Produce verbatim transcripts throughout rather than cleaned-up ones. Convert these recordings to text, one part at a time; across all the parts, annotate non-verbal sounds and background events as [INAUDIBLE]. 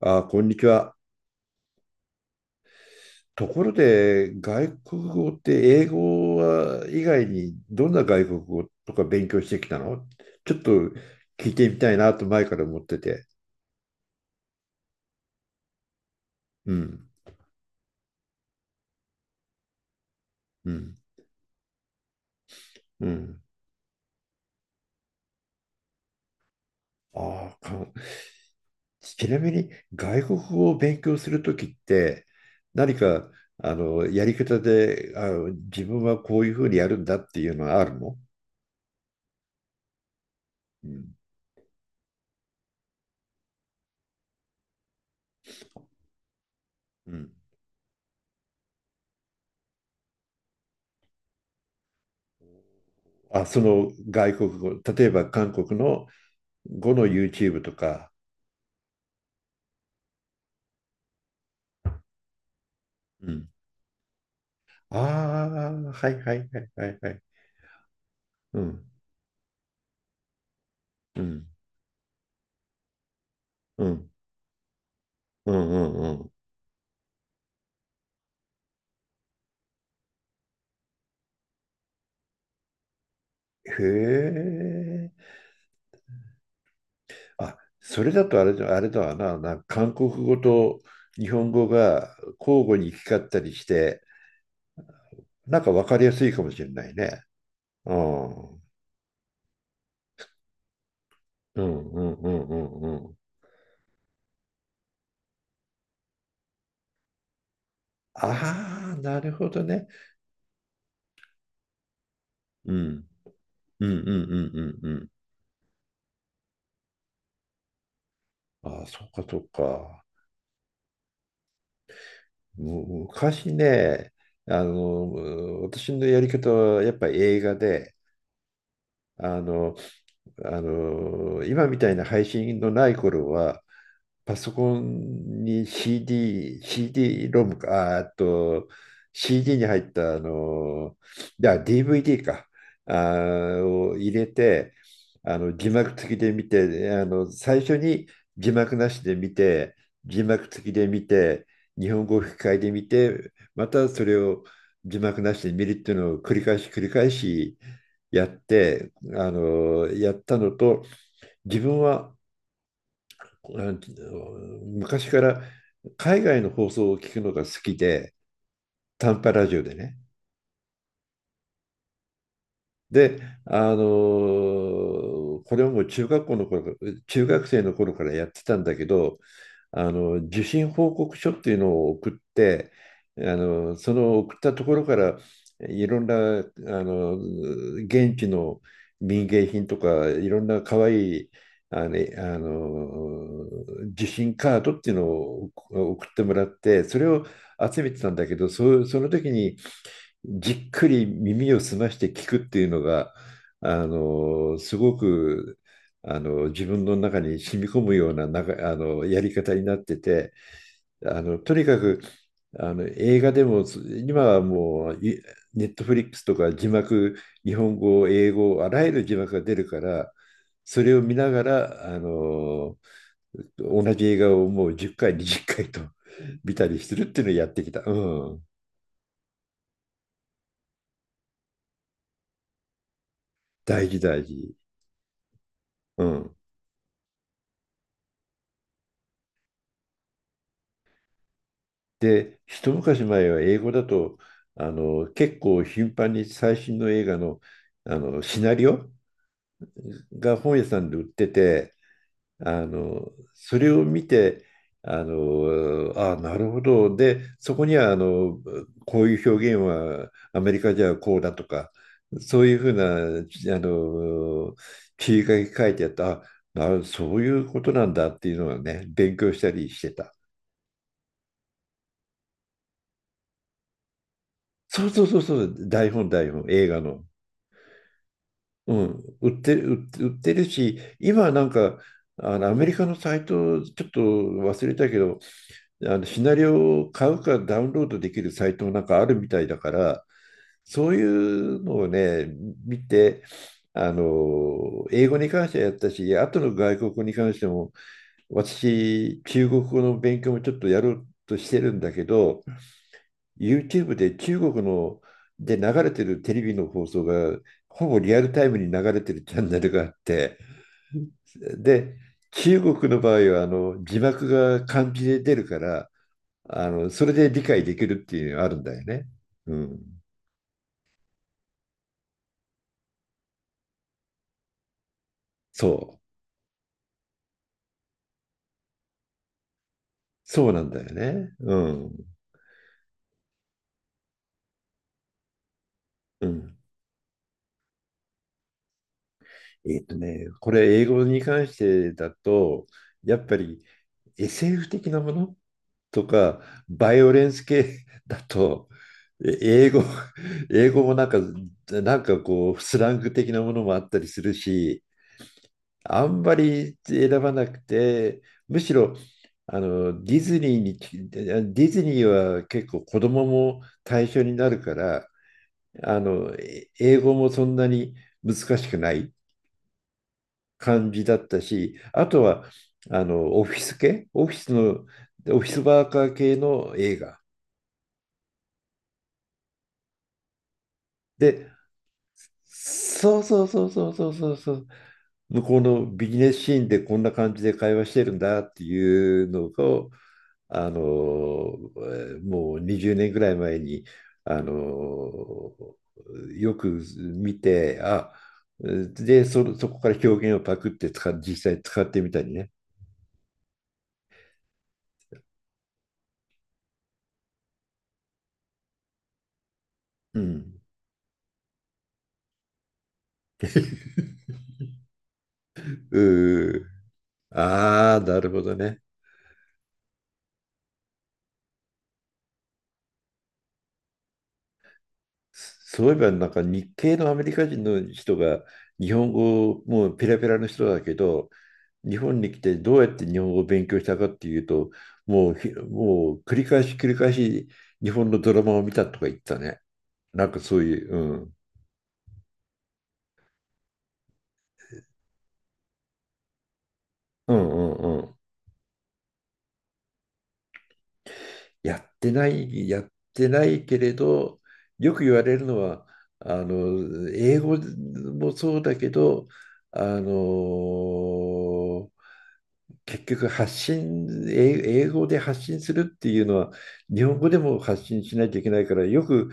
あ、こんにちは。ところで、外国語って英語は以外にどんな外国語とか勉強してきたの、ちょっと聞いてみたいなと前から思ってて。うん、うん、うん。ああ、かちなみに外国語を勉強するときって何か、あのやり方で、あ自分はこういうふうにやるんだっていうのはあるの？うん、うん。あ、その外国語、例えば韓国の語の YouTube とか。うん。ああ、はいはいはいはいはい。うん、うん、うん、うん、うん。うん。へえ。あ、それだとあれだ、あれだわな、なんか韓国語と日本語が交互に行き交ったりして、なんか分かりやすいかもしれないね。うん、うん、うん、うん、うん。うん。ああ、なるほどね。うん、うん、うん、うん、うん。うん。ああ、そうか、そうか。昔ね、あの、私のやり方はやっぱり映画で、あの、あの、今みたいな配信のない頃は、パソコンに CD、CD ロムか、ああと CD に入ったあの、いや DVD か、あを入れて、あの字幕付きで見て、あの最初に字幕なしで見て、字幕付きで見て、日本語吹き替えで見て、またそれを字幕なしで見るっていうのを繰り返し繰り返しやって、あのやったのと、自分はあ昔から海外の放送を聞くのが好きで、短波ラジオでね。で、あのーこれはもう中学校の頃、中学生の頃からやってたんだけど、あの受信報告書っていうのを送って、あのその送ったところからいろんな、あの現地の民芸品とかいろんな可愛いいあのあの受信カードっていうのを送ってもらって、それを集めてたんだけど、そ、その時にじっくり耳を澄まして聞くっていうのが、あの、すごく、あの、自分の中に染み込むような、なか、あの、やり方になってて、あの、とにかく、あの、映画でも、今はもう、ネットフリックスとか字幕、日本語、英語、あらゆる字幕が出るから、それを見ながら、あの、同じ映画をもうじゅっかい、にじゅっかいと見たりするっていうのをやってきた。うん。大事、大事。うん。で、一昔前は英語だと、あの、結構頻繁に最新の映画の、あの、シナリオが本屋さんで売ってて、あの、それを見て、あの、あ、なるほど。で、そこには、あの、こういう表現はアメリカじゃこうだとか、そういうふうな、ちあの、切り書き書いてあった、あ、なそういうことなんだっていうのはね、勉強したりしてた。そうそうそうそう、台本、台本、映画の。うん、売ってる、売って売ってるし、今なんか、あのアメリカのサイト、ちょっと忘れたけど、あのシナリオを買うかダウンロードできるサイトもなんかあるみたいだから、そういうのをね、見て、あの、英語に関してはやったし、あとの外国語に関しても、私、中国語の勉強もちょっとやろうとしてるんだけど、YouTube で中国ので流れてるテレビの放送がほぼリアルタイムに流れてるチャンネルがあって、で中国の場合はあの字幕が漢字で出るから、あのそれで理解できるっていうのがあるんだよね。うん、そうそうなんだよね。うんうん。えっとねこれ英語に関してだとやっぱり エスエフ 的なものとか、バイオレンス系だと、え英語、英語もなんか、なんかこう、スラング的なものもあったりするし、あんまり選ばなくて、むしろ、あのディズニーにディズニーは結構子供も対象になるから、あのえ英語もそんなに難しくない感じだったし、あとはあのオフィス系オフィスのオフィスワーカー系の映画で。そうそうそうそうそうそうそう。向こうのビジネスシーンでこんな感じで会話してるんだっていうのを、あの、えーもうにじゅうねんぐらい前に、あの、よく見て、あ、で、そ、そこから表現をパクって使っ、実際使ってみたりね。うん。うー、ああ、なるほどね。そういえばなんか日系のアメリカ人の人が日本語もうペラペラの人だけど、日本に来てどうやって日本語を勉強したかっていうと、もうひ、もう繰り返し繰り返し日本のドラマを見たとか言ったね。なんかそういう。うん、うんうんうん。やってない、やってないけれど、よく言われるのは、あの、英語もそうだけど、あの結局、発信、英英語で発信するっていうのは日本語でも発信しなきゃいけないから、よく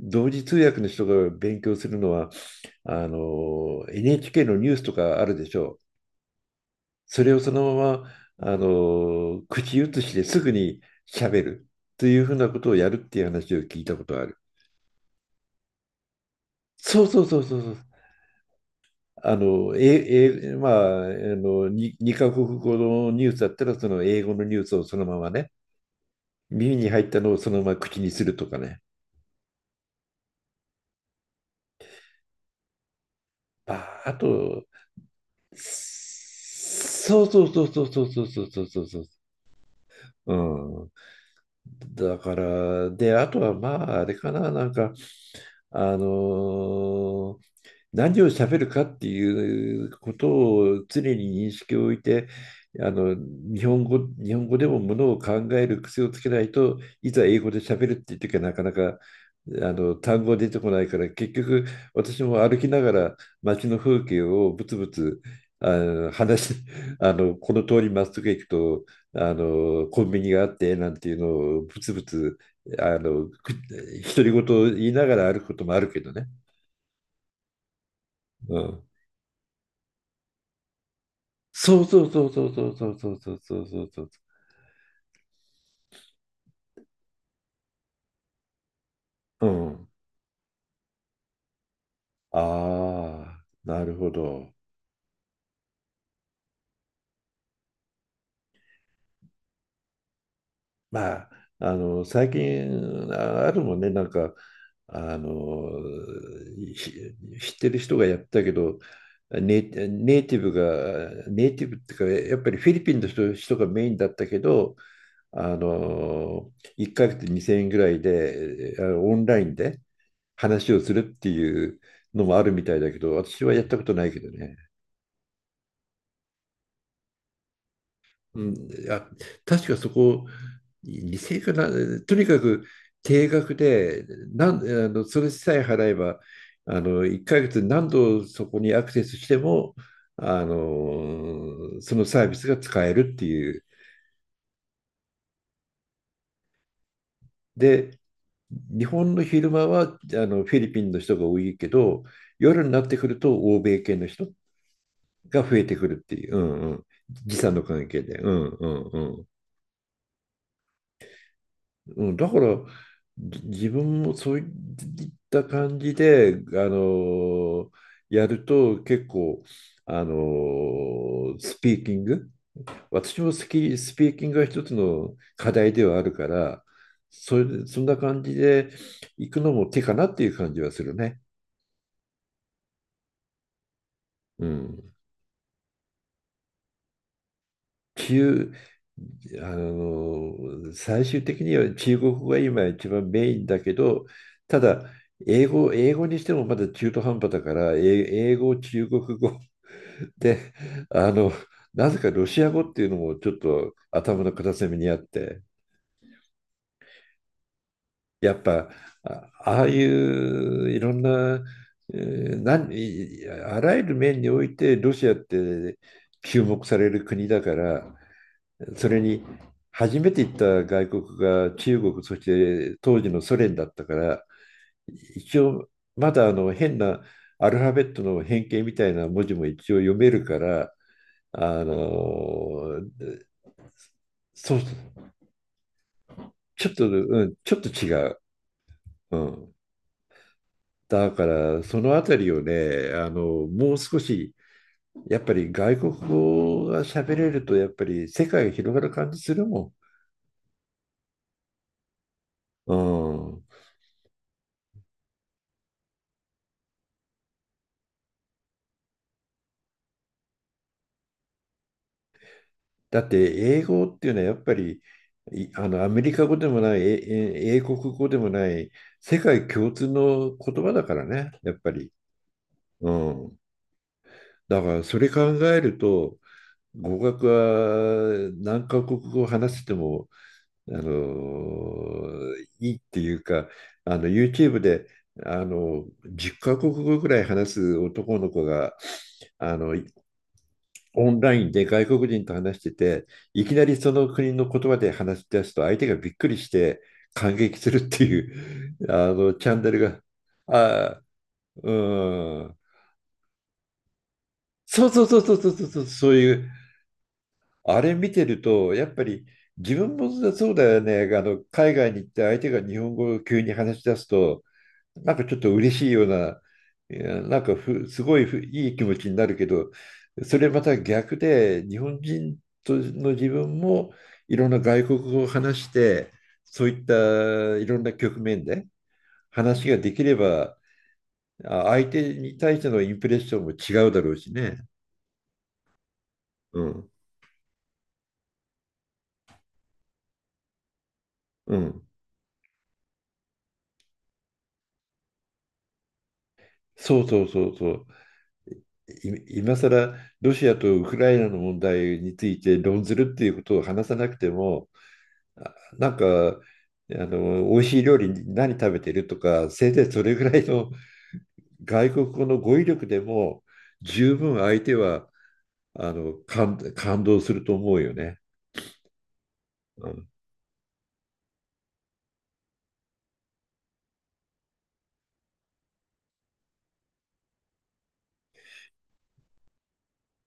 同時通訳の人が勉強するのはあの エヌエイチケー のニュースとかあるでしょう。それをそのまま、あの口移しですぐに喋るというふうなことをやるっていう話を聞いたことがある。そうそうそうそうそう。あの、え、え、まあ、あのに、に二カ国語のニュースだったら、その英語のニュースをそのままね、耳に入ったのをそのまま口にするとかね。あ、あと、そうそうそうそうそうそうそうそうそうそう。うん、だから、で、あとはまあ、あれかな、なんか、あのー何を喋るかっていうことを常に認識を置いて、あの日本語、日本語でもものを考える癖をつけないと、いざ英語で喋るっていう時はなかなかあの単語出てこないから、結局私も歩きながら街の風景をぶつぶつ、あの話し [LAUGHS] あのこの通りまっすぐ行くとあのコンビニがあってなんていうのをぶつぶつ、あのく独り言を言いながら歩くこともあるけどね。うん、そうそうそうそうそうそうそうそうそうそうそう。うん。ああ、なるほど。まあ、あの、最近、ああるもんね、なんか、あの、ひ知ってる人がやってたけど、ネイ、ネイティブが、ネイティブっていうか、やっぱりフィリピンの人、人がメインだったけど、あの、いっかげつにせんえんぐらいで、あのオンラインで話をするっていうのもあるみたいだけど、私はやったことないけどね。うん、あ、確かそこ、理性かな、とにかく定額で、なん、あの、それさえ払えば、あの、いっかげつ何度そこにアクセスしても、あの、そのサービスが使えるっていう。で、日本の昼間は、あの、フィリピンの人が多いけど、夜になってくると欧米系の人が増えてくるっていう、うんうん、時差の関係で。うんうんうん。うん、だから自分もそういった感じで、あのやると結構、あのスピーキング、私も好き、スピーキングが一つの課題ではあるから、それで、そんな感じで行くのも手かなっていう感じはするね。うん。中、あの、最終的には中国語が今一番メインだけど、ただ、英語、英語にしてもまだ中途半端だから、英英語、中国語 [LAUGHS] で、あの、なぜかロシア語っていうのもちょっと頭の片隅にあって、やっぱ、あ、ああいういろんな、えーなんいあらゆる面においてロシアって注目される国だから、それに初めて行った外国が中国、そして当時のソ連だったから、一応まだあの変なアルファベットの変形みたいな文字も一応読めるから、あのそう、ちょっと、うん、ちょっと違う。うん。だからそのあたりをね、あのもう少しやっぱり外国語が喋れるとやっぱり世界が広がる感じするもん。うん。だって英語っていうのはやっぱりいあのアメリカ語でもない、ええ英国語でもない、世界共通の言葉だからね、やっぱり。うん。だからそれ考えると、語学は何カ国語話せても、あのいいっていうか、あの YouTube であのじゅっカ国語ぐらい話す男の子があのオンラインで外国人と話してて、いきなりその国の言葉で話し出すと、相手がびっくりして感激するっていう、[LAUGHS] あの、チャンネルが。あー、うん、そうそうそうそうそうそうそう、いう、あれ見てると、やっぱり自分もそうだよね。あの、海外に行って相手が日本語を急に話し出すと、なんかちょっと嬉しいような、いやなんかふすごいふいい気持ちになるけど、それまた逆で、日本人との自分もいろんな外国語を話して、そういったいろんな局面で話ができれば、あ相手に対してのインプレッションも違うだろうしね。うん、うん、そうそうそうそう。い今更ロシアとウクライナの問題について論ずるっていうことを話さなくても、あなんか、あの、美味しい料理何食べてるとか、せいぜいそれぐらいの [LAUGHS] 外国語の語彙力でも、十分相手は、あの、感、感動すると思うよね。うん。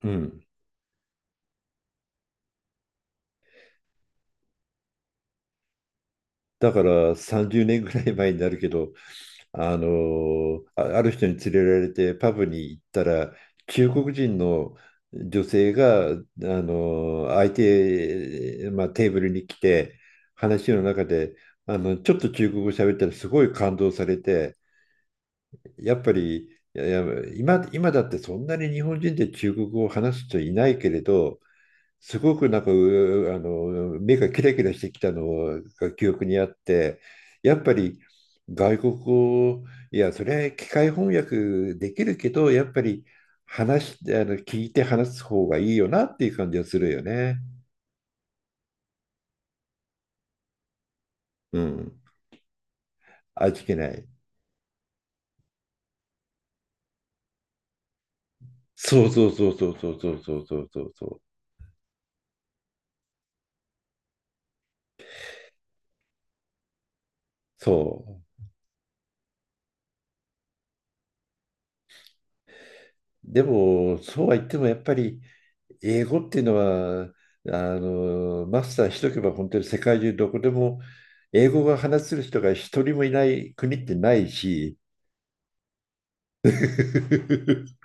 うん。だからさんじゅうねんぐらい前になるけど、あのあある人に連れられてパブに行ったら中国人の女性があの相手、まあ、テーブルに来て、話の中であのちょっと中国語喋ったらすごい感動されて、やっぱりいやいや今、今だってそんなに日本人で中国語を話す人いないけれど、すごくなんか、うあの、目がキラキラしてきたのが記憶にあって、やっぱり外国語、いや、それは機械翻訳できるけど、やっぱり話し、あの、聞いて話す方がいいよなっていう感じはするよね。うん。味気ない。そうそうそうそうそうそうそうそうそうそう。そう。でも、そうは言ってもやっぱり英語っていうのは、あの、マスターしとけば本当に世界中どこでも英語が話せる人が一人もいない国ってないし、[LAUGHS]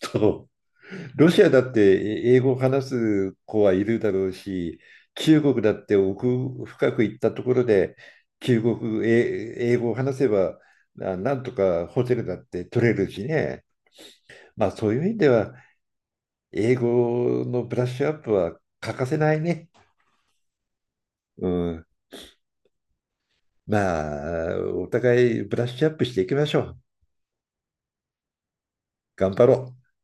そう。ロシアだって英語を話す子はいるだろうし、中国だって奥深く行ったところで、中国、え英語を話せばななんとかホテルだって取れるしね。まあそういう意味では英語のブラッシュアップは欠かせないね。うん。まあ、お互いブラッシュアップしていきましょう。頑張ろう。